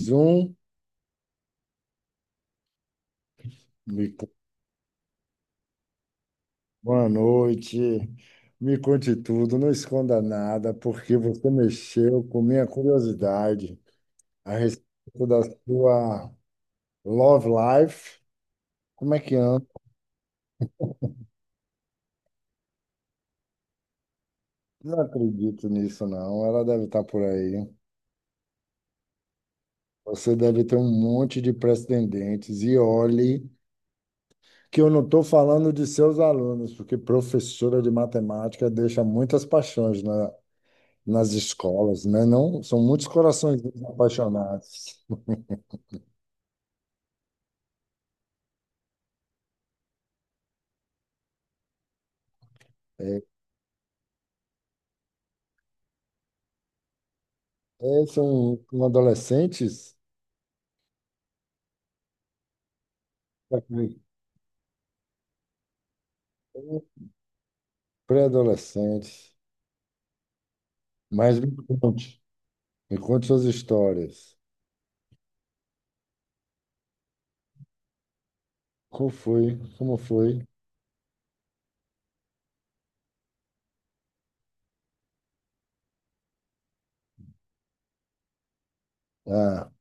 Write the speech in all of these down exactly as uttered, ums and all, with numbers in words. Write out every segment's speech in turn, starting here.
Zoom, me... co- Boa noite. Me conte tudo, não esconda nada, porque você mexeu com minha curiosidade a respeito da sua love life. Como é que anda? Não acredito nisso, não. Ela deve estar por aí. Você deve ter um monte de pretendentes. E olhe que eu não estou falando de seus alunos, porque professora de matemática deixa muitas paixões na- nas escolas, né? Não, são muitos corações apaixonados. É, são adolescentes, pré-adolescentes. Mas me conte, me conte suas histórias. Como foi? Como foi? Ah, ah,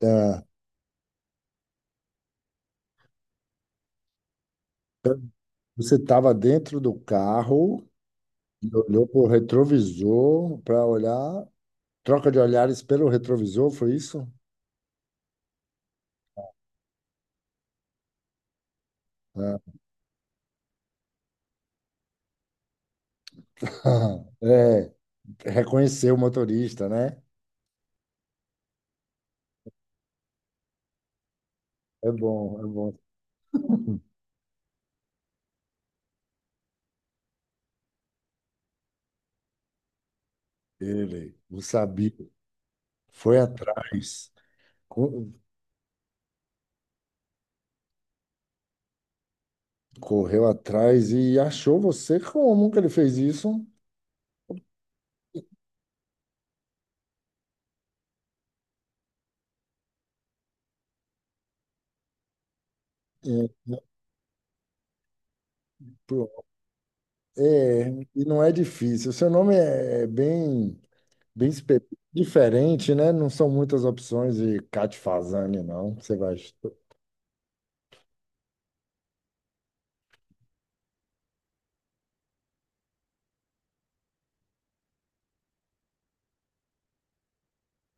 você estava dentro do carro, e olhou para o retrovisor para olhar, troca de olhares pelo retrovisor, foi isso? Ah, é, reconheceu o motorista, né? É bom, é bom. Ele, o sabia, foi atrás. Correu atrás e achou você. Como que ele fez isso? É, pro- é, e não é difícil. Seu nome é é bem, bem espe- diferente, né? Não são muitas opções de Cat Fazani, não. Você vai.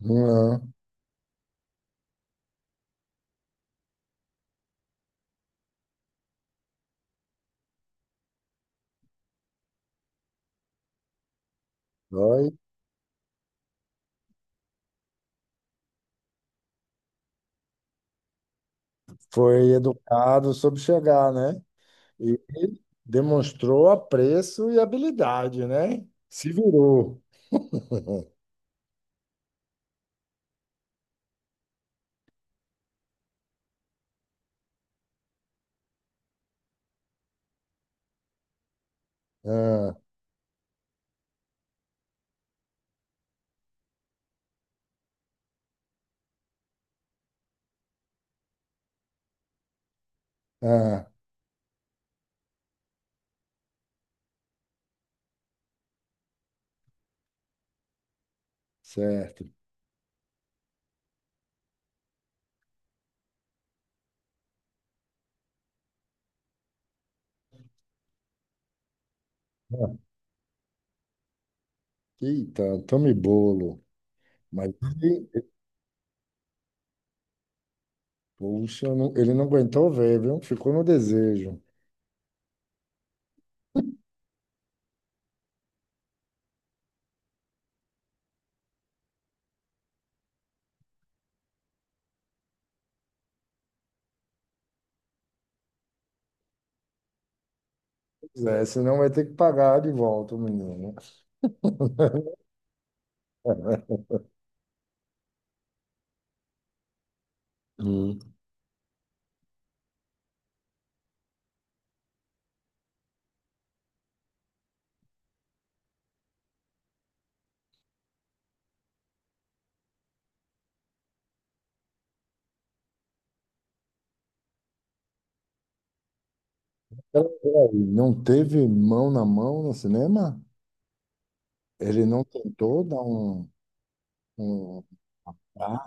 Não. Foi, foi educado, soube chegar, né? E demonstrou apreço e habilidade, né? Se virou. Ah, ah, certo. Ah, eita, tome bolo. Mas puxa, não- ele não aguentou ver, viu? Ficou no desejo. Pois é, senão vai ter que pagar de volta o menino. Hum. Pera- peraí, não teve mão na mão no cinema? Ele não tentou dar um... um... Ah,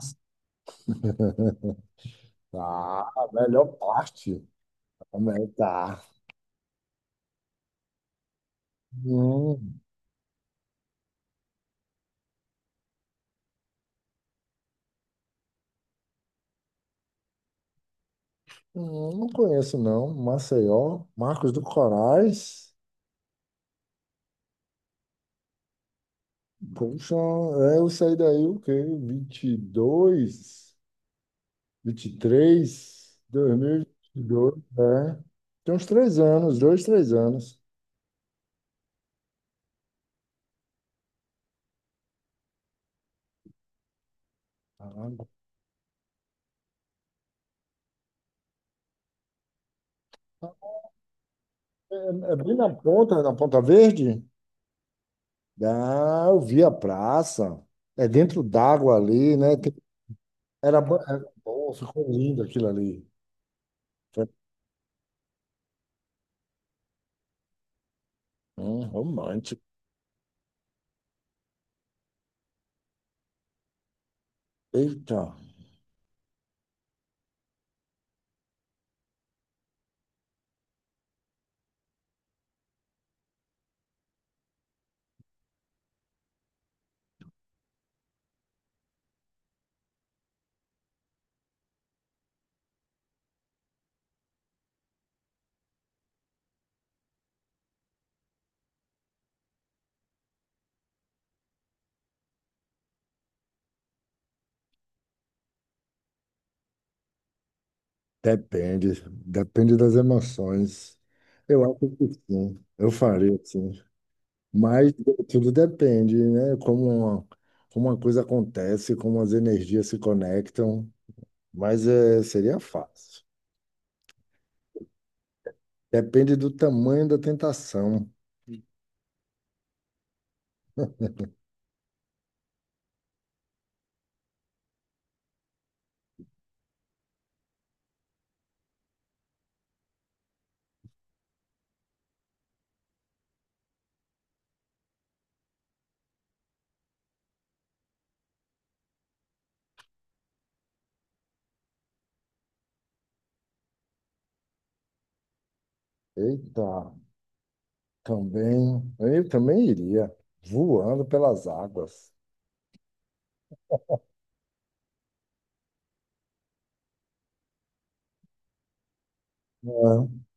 tá, a melhor parte. A melhor- Tá. Hum, hum, não conheço, não. Maceió, Marcos do Corais. Puxa, é, eu saí daí o quê? Vinte e dois. Vinte vinte e três Dois mil e vinte e dois. É. Tem uns três anos, dois, três anos. Ah, é, é bem na ponta, na Ponta Verde? Ah, eu vi a praça. É dentro d'água ali, né? Tem- Era, bo- era bom, ficou lindo aquilo ali. Foi- Hum, romântico. Eita. Depende, depende das emoções. Eu acho que sim, eu faria sim. Mas tudo depende, né? Como, como uma coisa acontece, como as energias se conectam. Mas é, seria fácil. Depende do tamanho da tentação. Eita, também. Eu também iria. Voando pelas águas. É.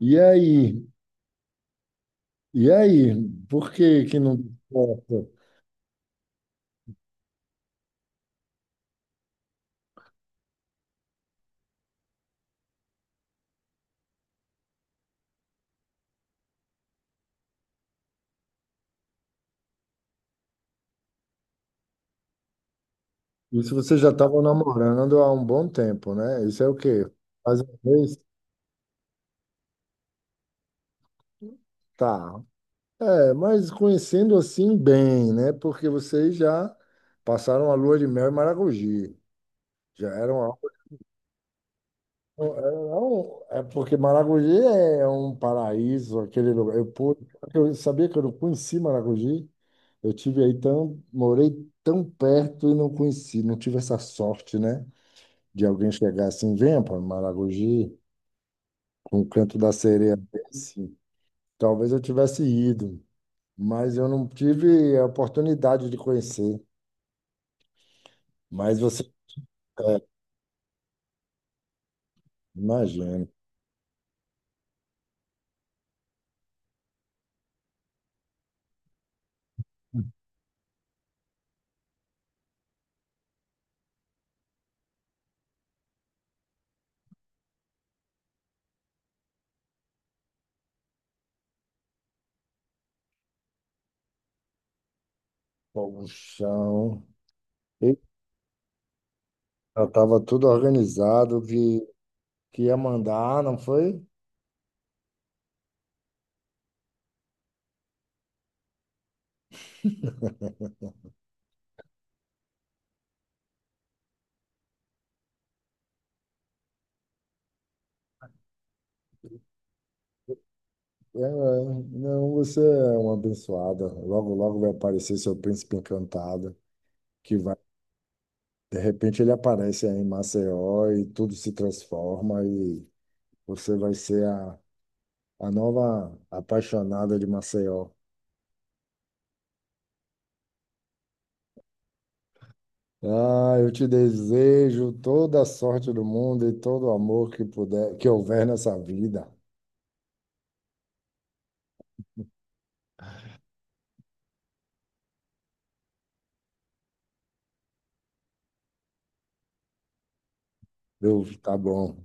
E aí? E aí? Por que que não deu certo? Isso você já estava namorando há um bom tempo, né? Isso é o quê? Mais uma vez? Tá. É, mas conhecendo assim bem, né? Porque vocês já passaram a lua de mel em Maragogi. Já eram algo. É, é porque Maragogi é um paraíso, aquele lugar. Eu, pude- eu sabia que eu não conheci Maragogi. Eu tive aí tão, morei tão perto e não conheci, não tive essa sorte, né? De alguém chegar assim, venha para Maragogi, com o canto da sereia desse. Talvez eu tivesse ido, mas eu não tive a oportunidade de conhecer. Mas você, é, imagina, o chão. E já estava tudo organizado que, que ia mandar, não foi? É, é. Não, você é uma abençoada. Logo, logo vai aparecer seu príncipe encantado, que vai, de repente ele aparece aí em Maceió e tudo se transforma e você vai ser a, a nova apaixonada de Maceió. Ah, eu te desejo toda a sorte do mundo e todo o amor que puder, que houver nessa vida. Eu, tá bom.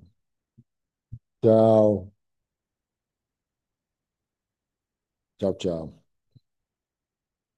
Tchau, tchau, tchau.